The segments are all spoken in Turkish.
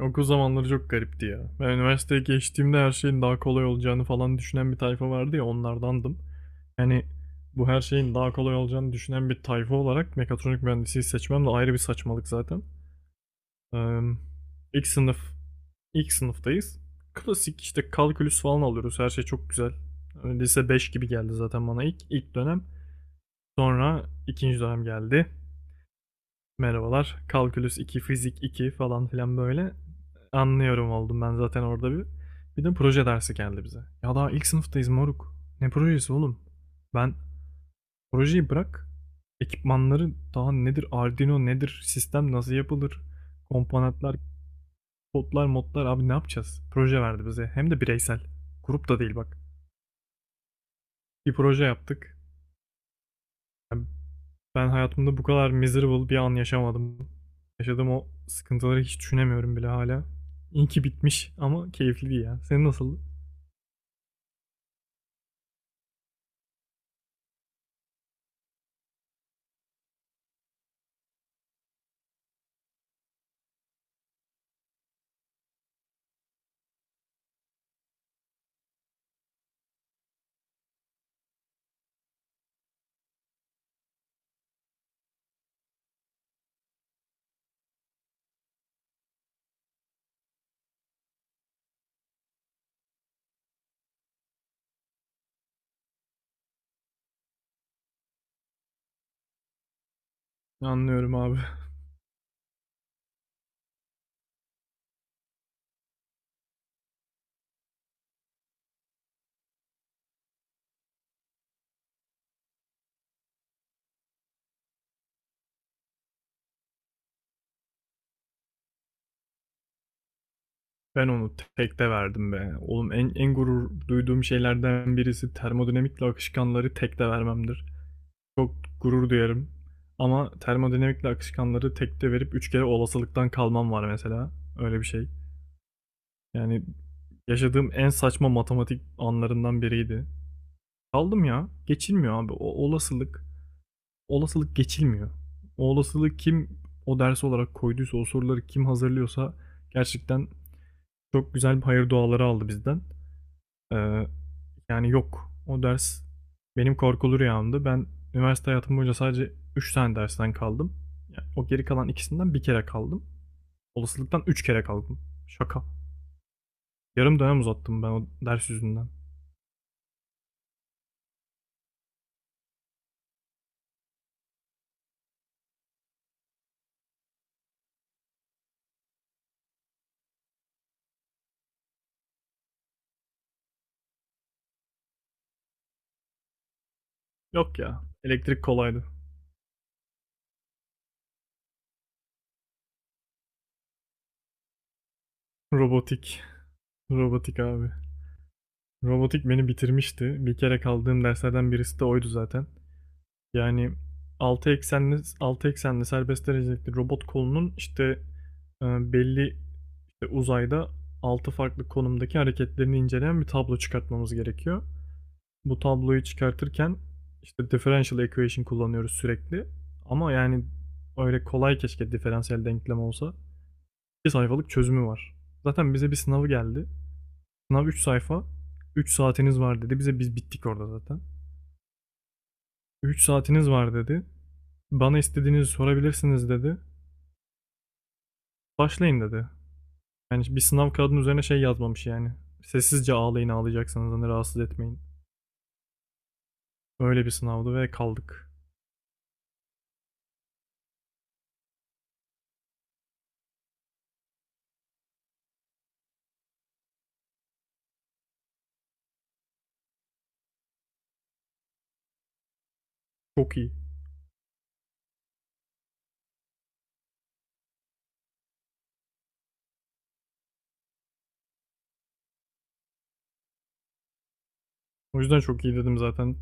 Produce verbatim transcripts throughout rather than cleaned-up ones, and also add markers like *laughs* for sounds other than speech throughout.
Okul zamanları çok garipti ya. Ben üniversiteye geçtiğimde her şeyin daha kolay olacağını falan düşünen bir tayfa vardı ya onlardandım. Yani bu her şeyin daha kolay olacağını düşünen bir tayfa olarak mekatronik mühendisliği seçmem de ayrı bir saçmalık zaten. Ee, ilk sınıf, ilk sınıftayız. Klasik işte kalkülüs falan alıyoruz. Her şey çok güzel. Lise beş gibi geldi zaten bana ilk ilk dönem. Sonra ikinci dönem geldi. Merhabalar. Kalkülüs iki, fizik iki falan filan böyle. Anlıyorum oldum ben zaten orada bir. Bir de proje dersi geldi bize. Ya daha ilk sınıftayız moruk. Ne projesi oğlum? Ben projeyi bırak. Ekipmanları daha nedir? Arduino nedir? Sistem nasıl yapılır? Komponentler, kodlar, modlar abi ne yapacağız? Proje verdi bize. Hem de bireysel. Grup da değil bak. Bir proje yaptık. Yani Ben hayatımda bu kadar miserable bir an yaşamadım. Yaşadığım o sıkıntıları hiç düşünemiyorum bile hala. İyi ki bitmiş ama keyifliydi ya. Senin nasıldı? Anlıyorum abi. *laughs* Ben onu tekte verdim be. Oğlum en en gurur duyduğum şeylerden birisi termodinamikle akışkanları tekte vermemdir. Çok gurur duyarım. Ama termodinamikle akışkanları tekte verip üç kere olasılıktan kalmam var mesela. Öyle bir şey. Yani yaşadığım en saçma matematik anlarından biriydi. Kaldım ya. Geçilmiyor abi. O olasılık, olasılık geçilmiyor. O olasılık kim o ders olarak koyduysa, o soruları kim hazırlıyorsa gerçekten çok güzel bir hayır duaları aldı bizden. Ee, yani yok. O ders benim korkulu rüyamdı. Ben üniversite hayatım boyunca sadece üç tane dersten kaldım. Yani o geri kalan ikisinden bir kere kaldım. Olasılıktan üç kere kaldım. Şaka. Yarım dönem uzattım ben o ders yüzünden. Yok ya. Elektrik kolaydı. Robotik. Robotik abi. Robotik beni bitirmişti. Bir kere kaldığım derslerden birisi de oydu zaten. Yani 6 eksenli 6 eksenli serbest derecelikli robot kolunun işte e, belli işte uzayda altı farklı konumdaki hareketlerini inceleyen bir tablo çıkartmamız gerekiyor. Bu tabloyu çıkartırken işte differential equation kullanıyoruz sürekli. Ama yani öyle kolay keşke diferansiyel denklem olsa. iki sayfalık çözümü var. Zaten bize bir sınavı geldi. Sınav üç sayfa. üç saatiniz var dedi. Bize biz bittik orada zaten. Üç saatiniz var dedi. Bana istediğinizi sorabilirsiniz dedi. Başlayın dedi. Yani bir sınav kağıdının üzerine şey yazmamış yani. Sessizce ağlayın ağlayacaksanız hani rahatsız etmeyin. Öyle bir sınavdı ve kaldık. Çok iyi. O yüzden çok iyi dedim zaten.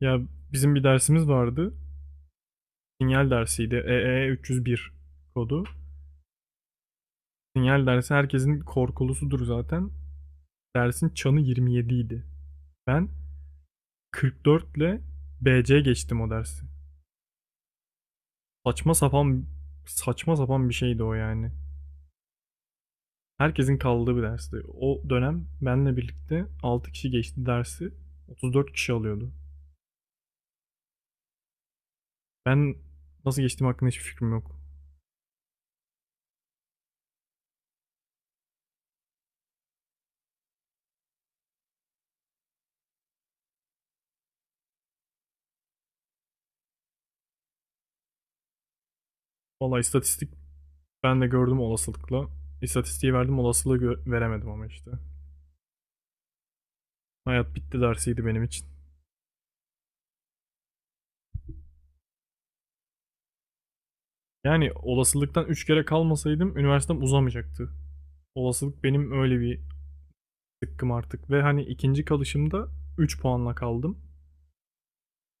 Ya bizim bir dersimiz vardı. Sinyal dersiydi. E E üç yüz bir kodu. Sinyal dersi herkesin korkulusudur zaten. Dersin çanı yirmi yedi idi. Ben kırk dört ile B C geçtim o dersi. Saçma sapan saçma sapan bir şeydi o yani. Herkesin kaldığı bir dersti. O dönem benle birlikte altı kişi geçti dersi. otuz dört kişi alıyordu. Ben nasıl geçtiğim hakkında hiçbir fikrim yok. Valla istatistik ben de gördüm olasılıkla. İstatistiği verdim olasılığı gö- veremedim ama işte. Hayat bitti dersiydi benim için. Yani olasılıktan üç kere kalmasaydım üniversitem uzamayacaktı. Olasılık benim öyle bir sıkkım artık. Ve hani ikinci kalışımda üç puanla kaldım.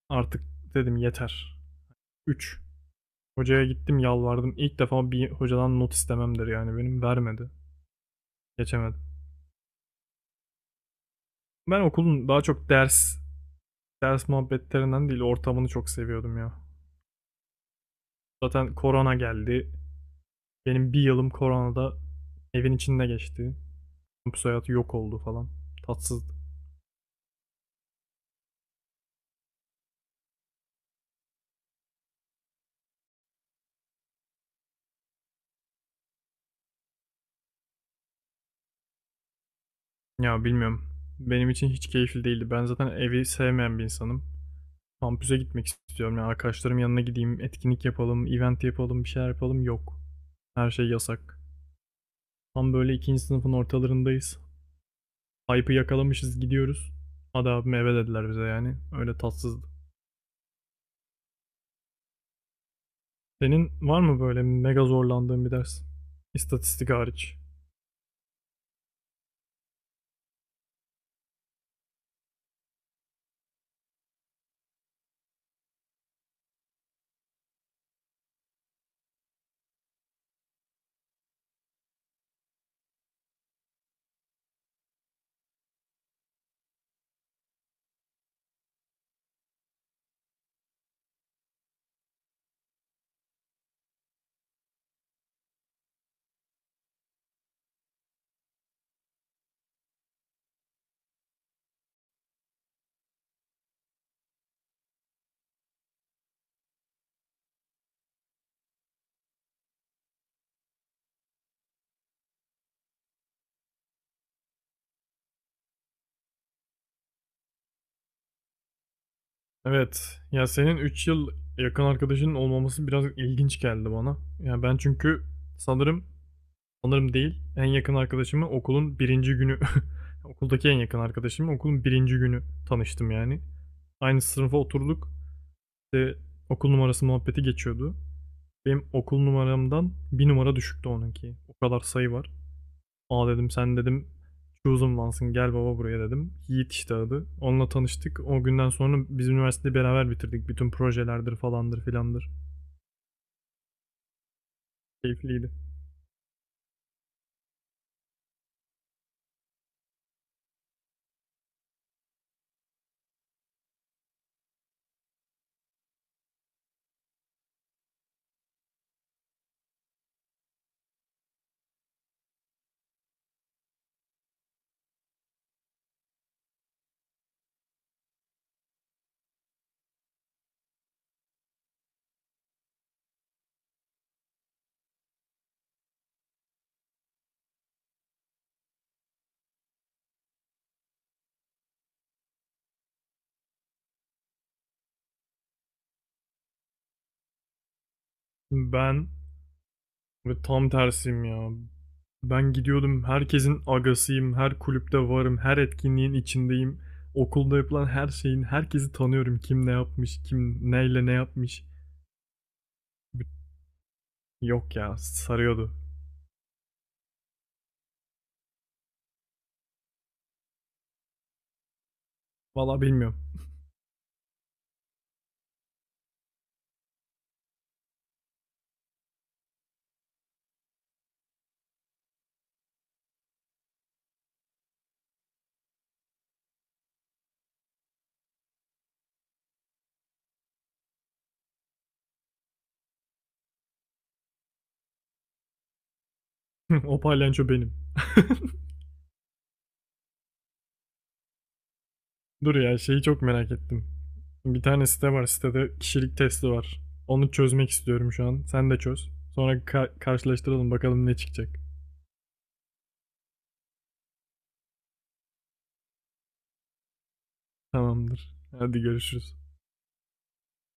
Artık dedim yeter. Üç. Hocaya gittim yalvardım. İlk defa bir hocadan not istememdir yani benim. Vermedi. Geçemedim. Ben okulun daha çok ders, ders muhabbetlerinden değil ortamını çok seviyordum ya. Zaten korona geldi. Benim bir yılım koronada evin içinde geçti. Kampüs hayatı yok oldu falan. Tatsızdı. Ya bilmiyorum. Benim için hiç keyifli değildi. Ben zaten evi sevmeyen bir insanım. Kampüse gitmek istiyorum ya. Arkadaşlarım yanına gideyim, etkinlik yapalım, event yapalım, bir şeyler yapalım. Yok. Her şey yasak. Tam böyle ikinci sınıfın ortalarındayız. Hype'ı yakalamışız gidiyoruz. Hadi abi eve dediler bize yani. Öyle tatsızdı. Senin var mı böyle mega zorlandığın bir ders? İstatistik hariç. Evet. Ya senin üç yıl yakın arkadaşının olmaması biraz ilginç geldi bana. Ya ben çünkü sanırım sanırım değil en yakın arkadaşımı okulun birinci günü *laughs* okuldaki en yakın arkadaşımı okulun birinci günü tanıştım yani. Aynı sınıfa oturduk. İşte okul numarası muhabbeti geçiyordu. Benim okul numaramdan bir numara düşüktü onunki. O kadar sayı var. Aa dedim sen dedim chosen one'sın gel baba buraya dedim. Yiğit işte adı. Onunla tanıştık. O günden sonra biz üniversiteyi beraber bitirdik. Bütün projelerdir falandır filandır. Keyifliydi. Ben tam tersiyim ya. Ben gidiyordum herkesin agasıyım. Her kulüpte varım. Her etkinliğin içindeyim. Okulda yapılan her şeyin herkesi tanıyorum. Kim ne yapmış, kim neyle ne yapmış. Yok ya sarıyordu. Valla bilmiyorum. *laughs* O palyaço benim. Dur ya şeyi çok merak ettim. Bir tane site var. Sitede kişilik testi var. Onu çözmek istiyorum şu an. Sen de çöz. Sonra ka- karşılaştıralım bakalım ne çıkacak. Tamamdır. Hadi görüşürüz.